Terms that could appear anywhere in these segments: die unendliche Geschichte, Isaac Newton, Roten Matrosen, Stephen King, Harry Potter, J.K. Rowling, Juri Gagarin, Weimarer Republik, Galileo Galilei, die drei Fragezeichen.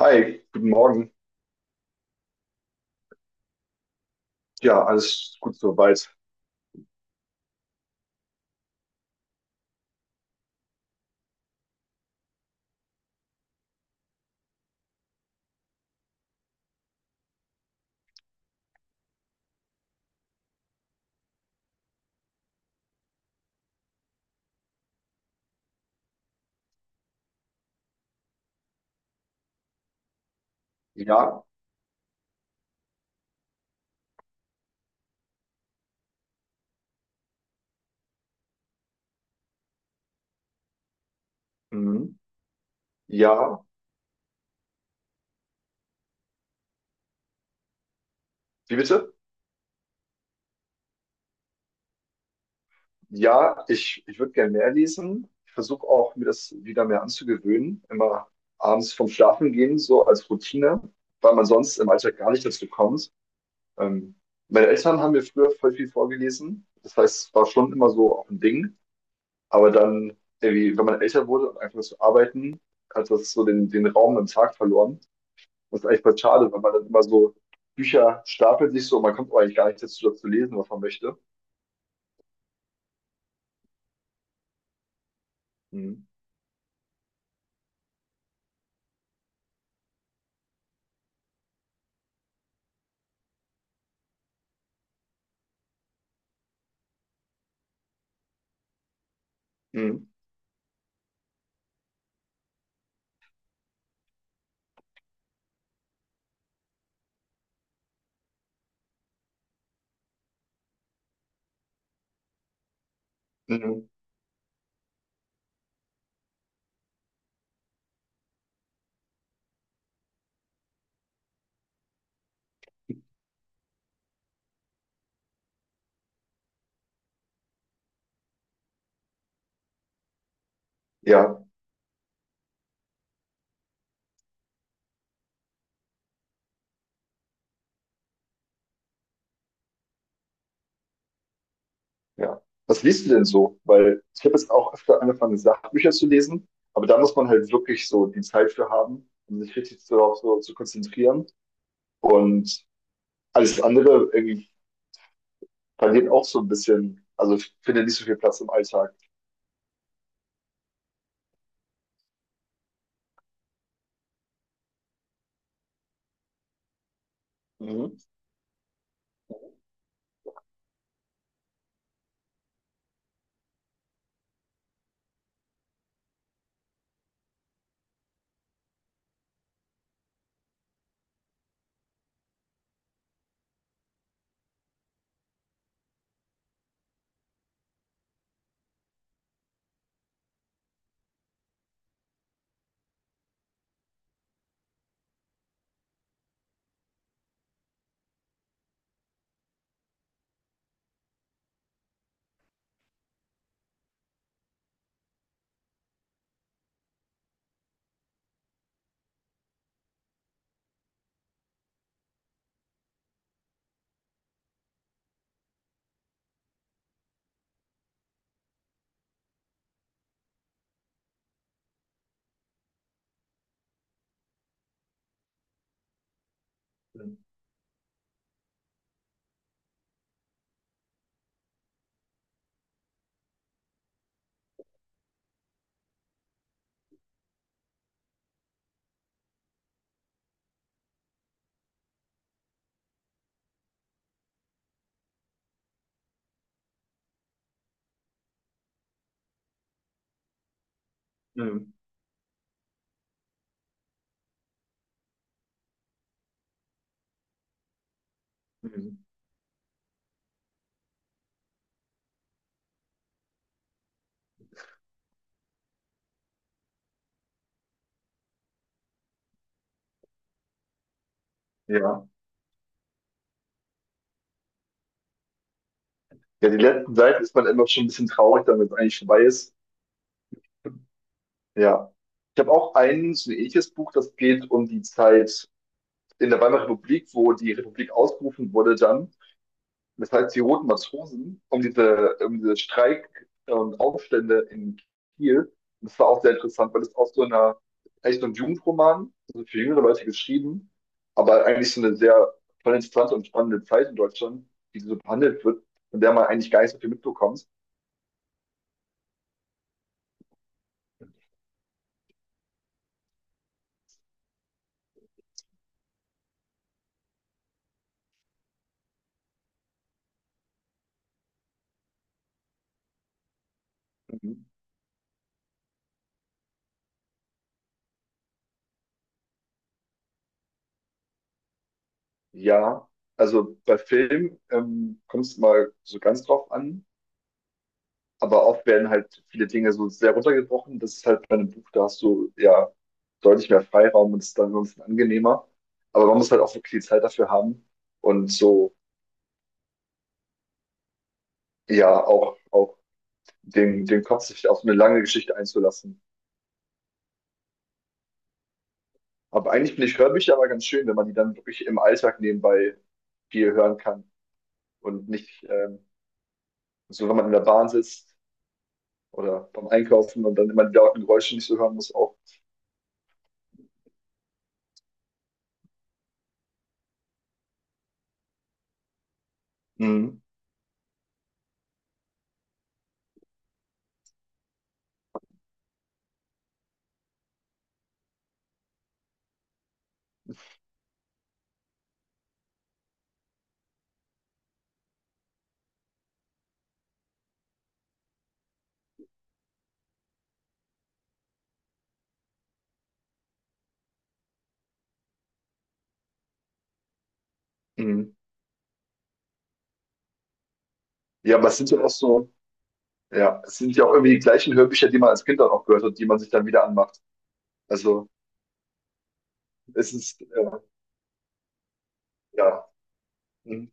Hi, guten Morgen. Ja, alles gut soweit. Ja, mhm. Ja, wie bitte? Ja, ich würde gerne mehr lesen. Ich versuche auch, mir das wieder mehr anzugewöhnen. Immer abends vom Schlafen gehen, so als Routine, weil man sonst im Alltag gar nicht dazu kommt. Ähm, Meine Eltern haben mir früher voll viel vorgelesen. Das heißt, es war schon immer so auch ein Ding. Aber dann, irgendwie, wenn man älter wurde und einfach zu arbeiten, hat das so den Raum im Tag verloren. Das ist eigentlich voll schade, weil man dann immer so Bücher stapelt sich so und man kommt eigentlich gar nicht dazu, das zu lesen, was man möchte. Mhm. Mhm. Mhm. Ja, ja. Was liest du denn so? Weil ich habe jetzt auch öfter angefangen, Sachbücher zu lesen, aber da muss man halt wirklich so die Zeit für haben, um sich richtig darauf so zu konzentrieren. Und alles andere irgendwie verliert auch so ein bisschen, also ich finde nicht so viel Platz im Alltag. Mhm. Mhm. Mhm. Ja. Ja, die letzten Seiten ist man immer schon ein bisschen traurig, damit es eigentlich vorbei ist. Ja. Ich habe auch ein so ein ähnliches Buch, das geht um die Zeit in der Weimarer Republik, wo die Republik ausgerufen wurde dann. Das heißt, die Roten Matrosen, um diese Streik und Aufstände in Kiel. Und das war auch sehr interessant, weil es aus so einer, eigentlich so ein Jugendroman, also für jüngere Leute geschrieben, aber eigentlich so eine sehr voll interessante und spannende Zeit in Deutschland, die so behandelt wird, von der man eigentlich gar nicht so viel mitbekommt. Mhm. Ja, also bei Film kommt es mal so ganz drauf an, aber oft werden halt viele Dinge so sehr runtergebrochen. Das ist halt bei einem Buch, da hast du ja deutlich mehr Freiraum und ist dann sonst angenehmer. Aber man muss halt auch wirklich die Zeit dafür haben und so, ja, auch den Kopf sich auf eine lange Geschichte einzulassen. Aber eigentlich finde ich Hörbücher aber ganz schön, wenn man die dann wirklich im Alltag nebenbei viel hören kann und nicht so, wenn man in der Bahn sitzt oder beim Einkaufen und dann immer die lauten Geräusche nicht so hören muss auch. Mhm. Mhm. Ja, aber es sind ja auch so, ja, es sind ja auch irgendwie die gleichen Hörbücher, die man als Kind dann auch gehört hat, die man sich dann wieder anmacht. Also es ist, ja. Mhm.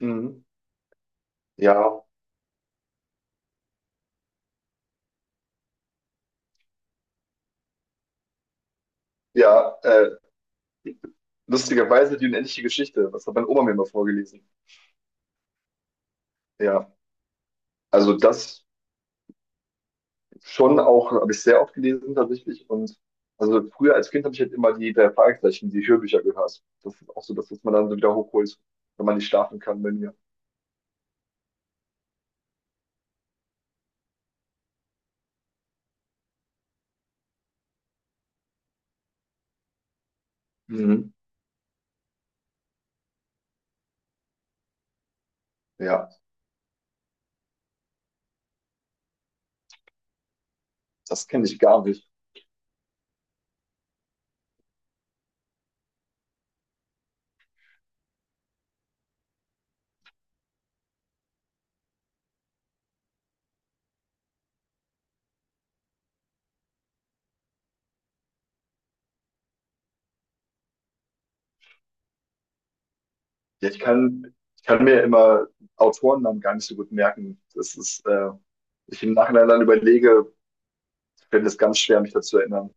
Mhm. Ja, ja, lustigerweise die unendliche Geschichte. Das hat meine Oma mir immer vorgelesen. Ja, also das schon auch, habe ich sehr oft gelesen tatsächlich. Und also früher als Kind habe ich halt immer die drei Fragezeichen, die Hörbücher gehört. Das ist auch so das, was man dann so wieder hochholt, wenn man nicht schlafen kann, wenn. Mhm. Ja, das kenne ich gar nicht. Ja, ich kann mir immer Autorennamen gar nicht so gut merken. Das ist, ich im Nachhinein dann überlege, fällt es ganz schwer, mich dazu erinnern.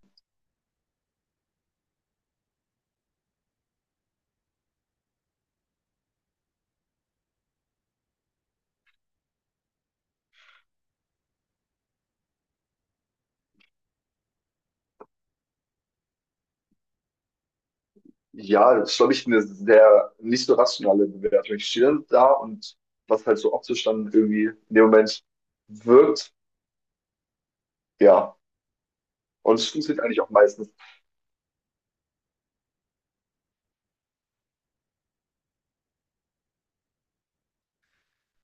Ja, das ist, glaube ich, eine sehr nicht so rationale Bewertung. Ich stehe dann da und was halt so optisch dann irgendwie in dem Moment wirkt, ja. Und es funktioniert eigentlich auch meistens.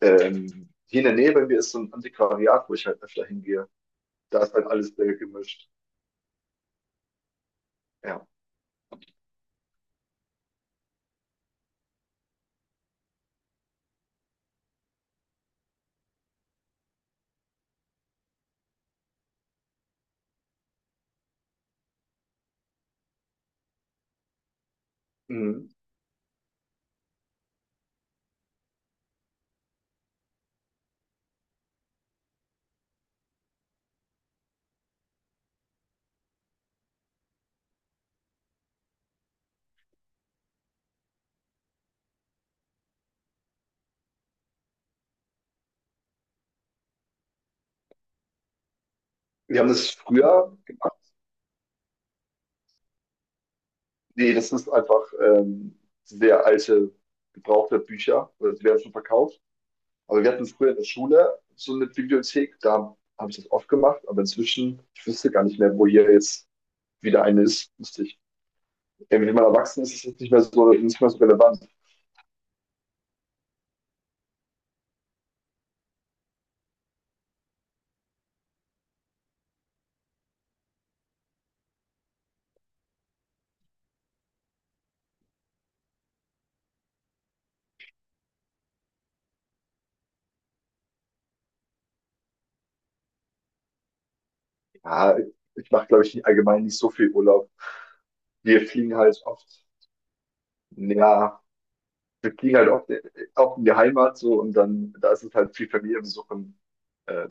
Hier in der Nähe bei mir ist so ein Antiquariat, wo ich halt öfter hingehe. Da ist halt alles sehr gemischt. Ja. Mhm. Wir haben das früher. Nee, das ist einfach sehr alte, gebrauchte Bücher. Oder die werden schon verkauft. Aber wir hatten früher in der Schule so eine Bibliothek, da habe ich das oft gemacht, aber inzwischen, ich wüsste gar nicht mehr, wo hier jetzt wieder eine ist. Müsste ich. Wenn man erwachsen ist, ist es nicht mehr so relevant. Ja, ich mache, glaube ich, allgemein nicht so viel Urlaub. Wir fliegen halt oft, ja, wir fliegen halt oft in die Heimat so und dann, da ist es halt viel Familienbesuch und äh,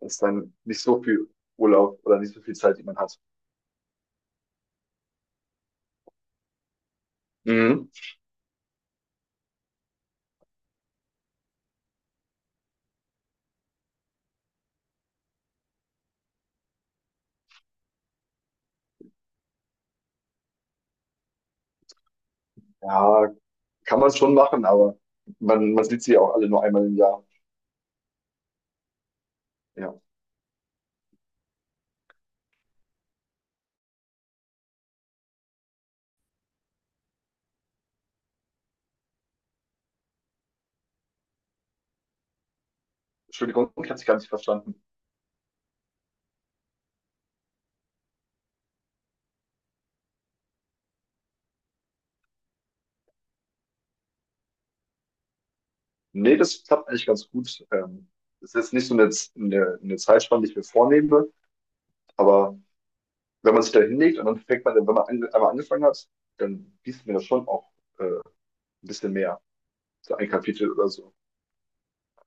das ist dann nicht so viel Urlaub oder nicht so viel Zeit, die man hat. Mhm. Ja, kann man schon machen, aber man sieht sie ja auch alle nur einmal im Jahr. Ja. Entschuldigung, ich habe dich gar nicht verstanden. Nee, das klappt eigentlich ganz gut. Das ist nicht so eine Zeitspanne, die ich mir vornehme, aber wenn man sich da hinlegt und dann fängt man, wenn man einmal angefangen hat, dann gießt mir das schon auch äh, ein bisschen mehr. So ein Kapitel oder so.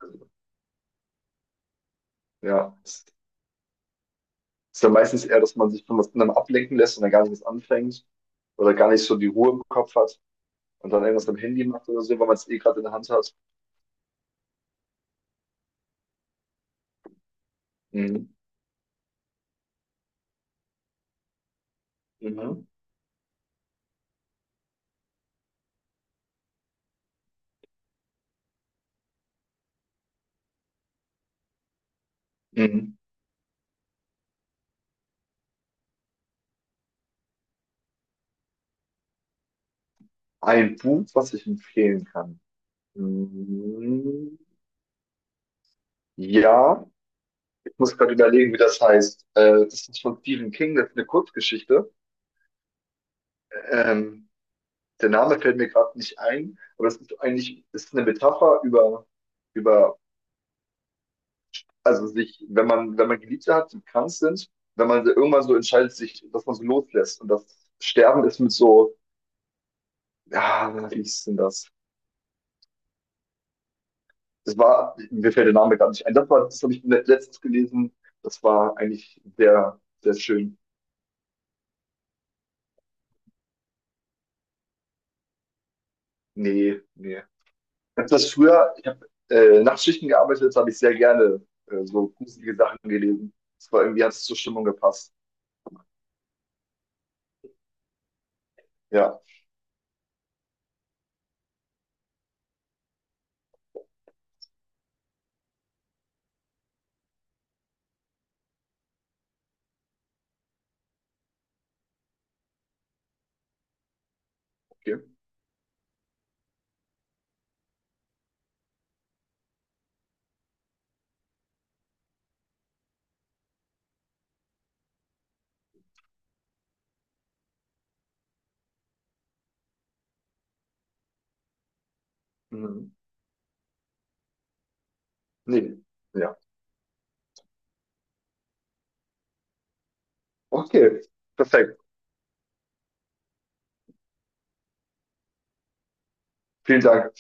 Also, ja, ist dann meistens eher, dass man sich von was anderem ablenken lässt und dann gar nichts anfängt oder gar nicht so die Ruhe im Kopf hat und dann irgendwas am Handy macht oder so, weil man es eh gerade in der Hand hat. Mhm. Mhm. Mhm. Ein Buch, was ich empfehlen kann. Mhm. Ja, ich muss gerade überlegen, wie das heißt. Das ist von Stephen King, das ist eine Kurzgeschichte. Ähm, der Name fällt mir gerade nicht ein, aber das ist eine Metapher über, über also sich, wenn man Geliebte hat, die krank sind, wenn man irgendwann so entscheidet, sich, dass man so loslässt und das Sterben ist mit so, ja, wie ist denn das? Das war, mir fällt der Name gar nicht ein. Das war, das habe ich letztens gelesen. Das war eigentlich sehr, sehr schön. Nee, nee. Ich habe Nachtschichten gearbeitet, das habe ich sehr gerne so gruselige Sachen gelesen. Das war irgendwie, hat es zur Stimmung gepasst. Ja, okay. Mhm. Nee, ja. Okay, perfekt. Vielen Dank.